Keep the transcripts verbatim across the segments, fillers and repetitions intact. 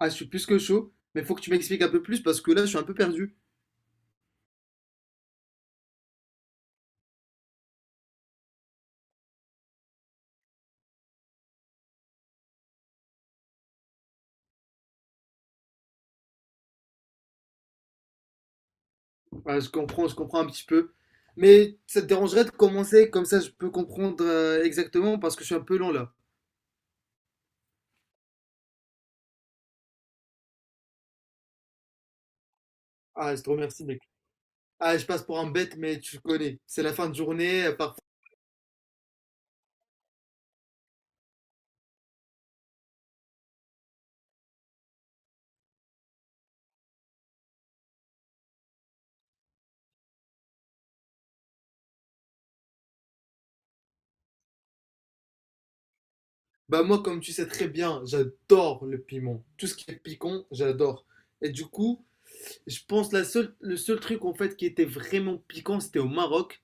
Ah, je suis plus que chaud, mais faut que tu m'expliques un peu plus parce que là, je suis un peu perdu. Voilà, je comprends, je comprends un petit peu. Mais ça te dérangerait de commencer comme ça, je peux comprendre euh, exactement parce que je suis un peu lent là. Ah, je te remercie, mec. Ah, je passe pour un bête, mais tu connais. C'est la fin de journée, euh, parfois. Bah, moi, comme tu sais très bien, j'adore le piment. Tout ce qui est piquant, j'adore. Et du coup, je pense la seule, le seul truc en fait qui était vraiment piquant, c'était au Maroc.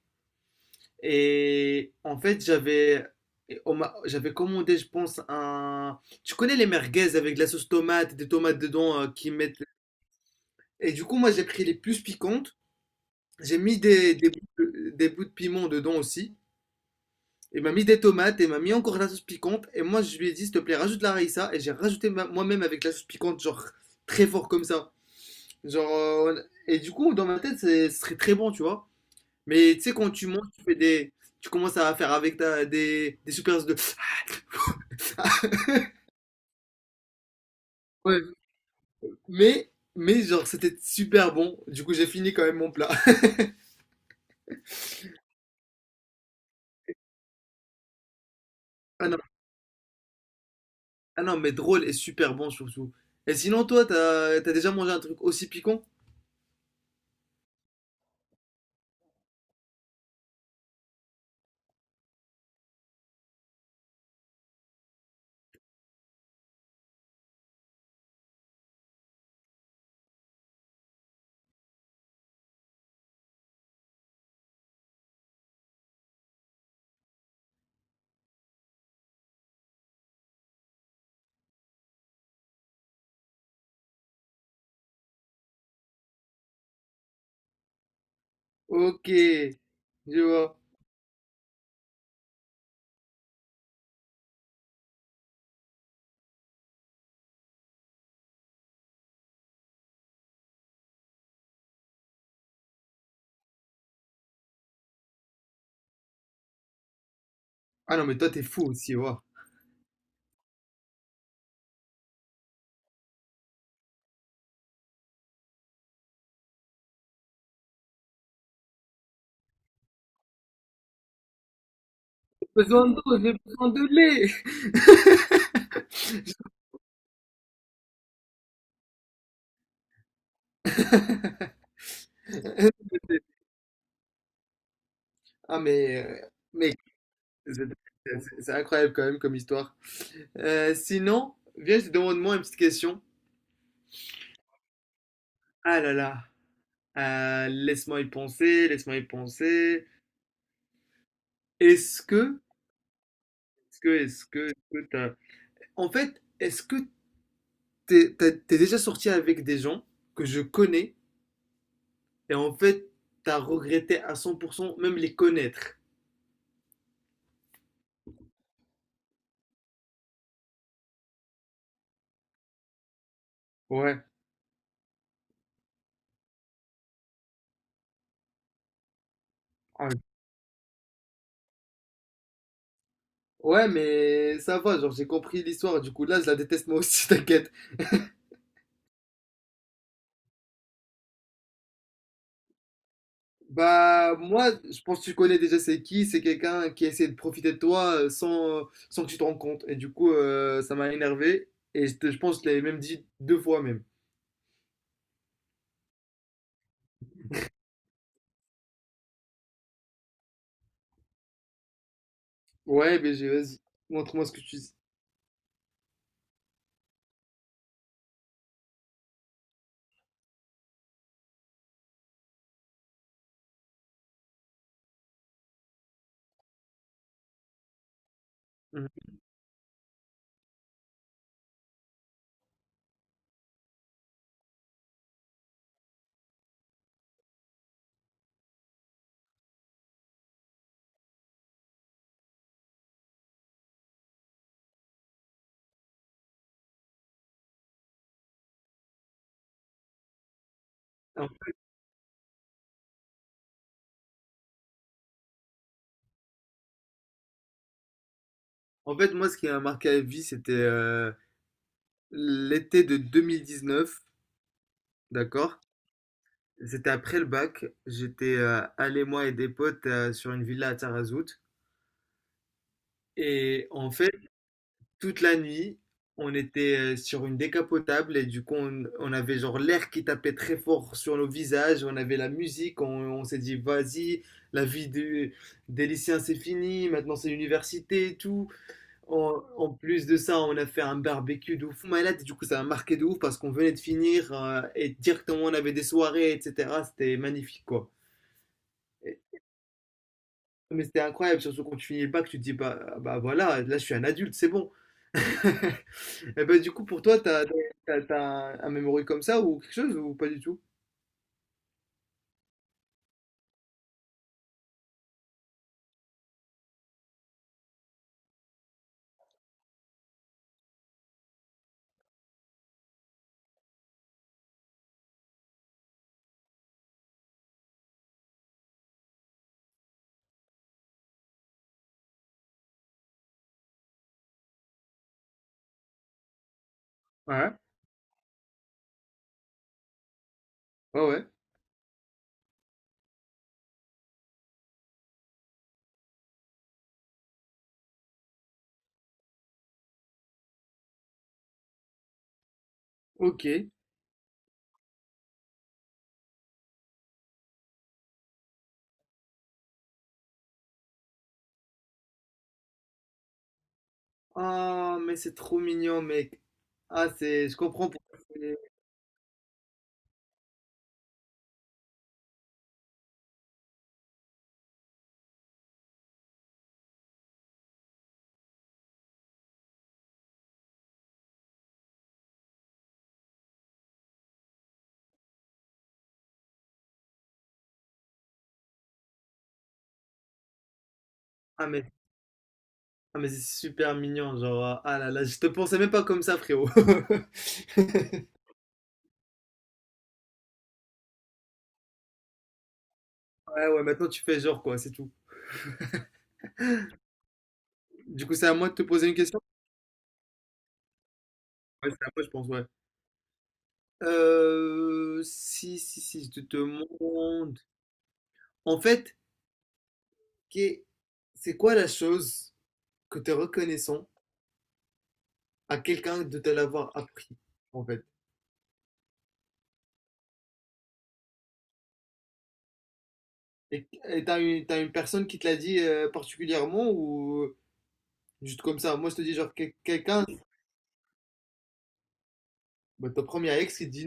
Et en fait, j'avais et on m'a- j'avais commandé, je pense, un... Tu connais les merguez avec de la sauce tomate, des tomates dedans euh, qui mettent... Et du coup, moi, j'ai pris les plus piquantes. J'ai mis des, des, bouts de des bouts de piment dedans aussi. Il m'a mis des tomates et m'a mis encore de la sauce piquante. Et moi, je lui ai dit, s'il te plaît, rajoute la raïssa. Et j'ai rajouté ma- moi-même avec la sauce piquante, genre très fort comme ça. Genre, euh, Et du coup, dans ma tête, c'est- ce serait très bon, tu vois. Mais tu sais, quand tu montes, tu fais des, tu commences à faire avec ta, des, des soupiraux de. Ouais, mais, mais genre, c'était super bon. Du coup, j'ai fini quand même mon plat. Ah non, ah non, mais drôle et super bon surtout. Et sinon, toi, t'as, t'as déjà mangé un truc aussi piquant? Ok, je vois. Ah non, mais toi, t'es fou aussi, waouh. J'ai besoin d'eau, j'ai besoin de lait. Ah, mais, euh, mais c'est c'est- c'est incroyable quand même comme histoire. Euh, sinon, viens, je te demande moi une petite question. Ah là là, Euh, laisse-moi y penser, laisse-moi y penser. Est-ce que, est-ce que, est-ce que, est-ce que t'as- En fait, est-ce que t'es, t'as- t'es déjà sorti avec des gens que je connais et en fait, t'as regretté à cent pour cent même les connaître. Ouais. Ouais, Ouais, mais ça va, genre j'ai compris l'histoire, du coup là je la déteste moi aussi, t'inquiète. Bah moi, je pense que tu connais déjà c'est qui, c'est quelqu'un qui essaie de profiter de toi euh, sans, sans que tu te rendes compte. Et du coup, euh, ça m'a énervé et je, te- je pense que je l'avais même dit deux fois même. Ouais, B G, vas-y, montre-moi ce que tu dis. Mhm. En en fait, moi, ce qui m'a marqué à vie, c'était euh, l'été de deux mille dix-neuf, d'accord? C'était après le bac. J'étais euh, allé, moi et des potes, euh, sur une villa à Tarazout. Et en fait, toute la nuit, on était euh, sur une décapotable. Et du coup, on, on avait genre l'air qui tapait très fort sur nos visages. On avait la musique. On, on s'est dit, vas-y, la vie de, des lycéens, c'est fini. Maintenant, c'est l'université et tout. En, en plus de ça, on a fait un barbecue de ouf malade, et du coup ça a marqué de ouf parce qu'on venait de finir euh, et directement on avait des soirées, et cetera. C'était magnifique quoi. Et- mais c'était incroyable, surtout quand tu finis le bac, tu te dis bah, ah bah voilà, là je suis un adulte, c'est bon. Et bah du coup pour toi, t'as, t'as, t'as un, un memory comme ça ou quelque chose ou pas du tout? Ouais. Ouais ouais. Ok. Ah mais c'est trop mignon mec. Ah c'est, je comprends pourquoi. c'est- Ah mais Ah mais c'est super mignon, genre, euh, ah là là, je te pensais même pas comme ça, frérot. Ouais, ouais, maintenant tu fais genre quoi, c'est tout. Du coup, c'est à moi de te poser une question? Ouais, c'est à moi, je pense, ouais. Euh, si, si, si, Je te demande. En fait, qu'est- c'est quoi la chose que tu es reconnaissant à quelqu'un de te l'avoir appris, en fait? Et et t'as une, t'as une personne qui te l'a dit euh, particulièrement ou juste comme ça? Moi, je te dis genre que- quelqu'un, bah, ton premier ex qui te dit.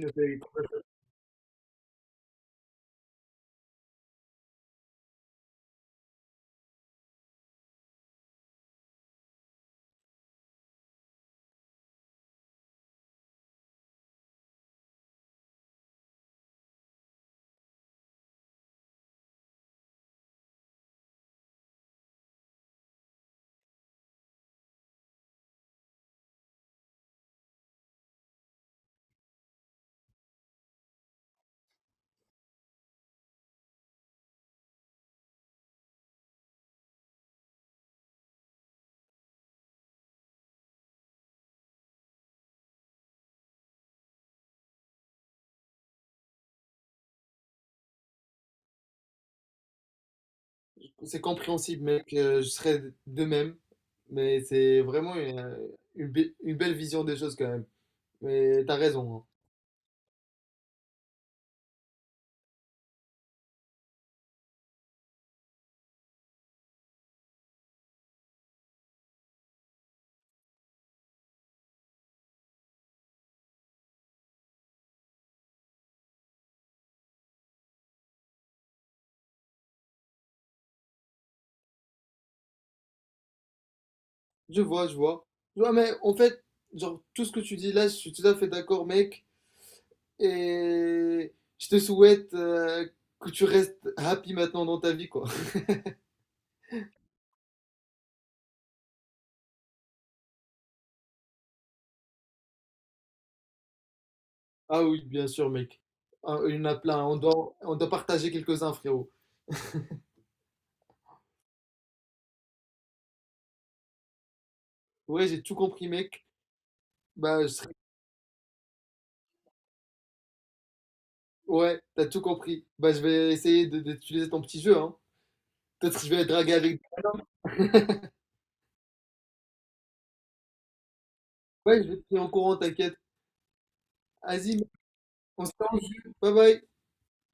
C'est compréhensible, mec. Euh, je serais de même. Mais c'est vraiment une, euh, une be- une belle vision des choses quand même. Mais t'as raison, hein. Je vois, je vois. Je vois, mais en fait, genre, tout ce que tu dis là, je suis tout à fait d'accord, mec. Et je te souhaite euh, que tu restes happy maintenant dans ta vie, quoi. Ah oui, bien sûr, mec. Ah, il y en a plein. On doit, on doit partager quelques-uns, frérot. Ouais, j'ai tout compris, mec. Bah, je serais- Ouais, t'as tout compris. Bah, je vais essayer de- d'utiliser ton petit jeu, hein. Peut-être que je vais draguer avec des nanas. Ouais, je vais te tenir au courant, t'inquiète. Vas-y, on se tient au jus. Bye bye.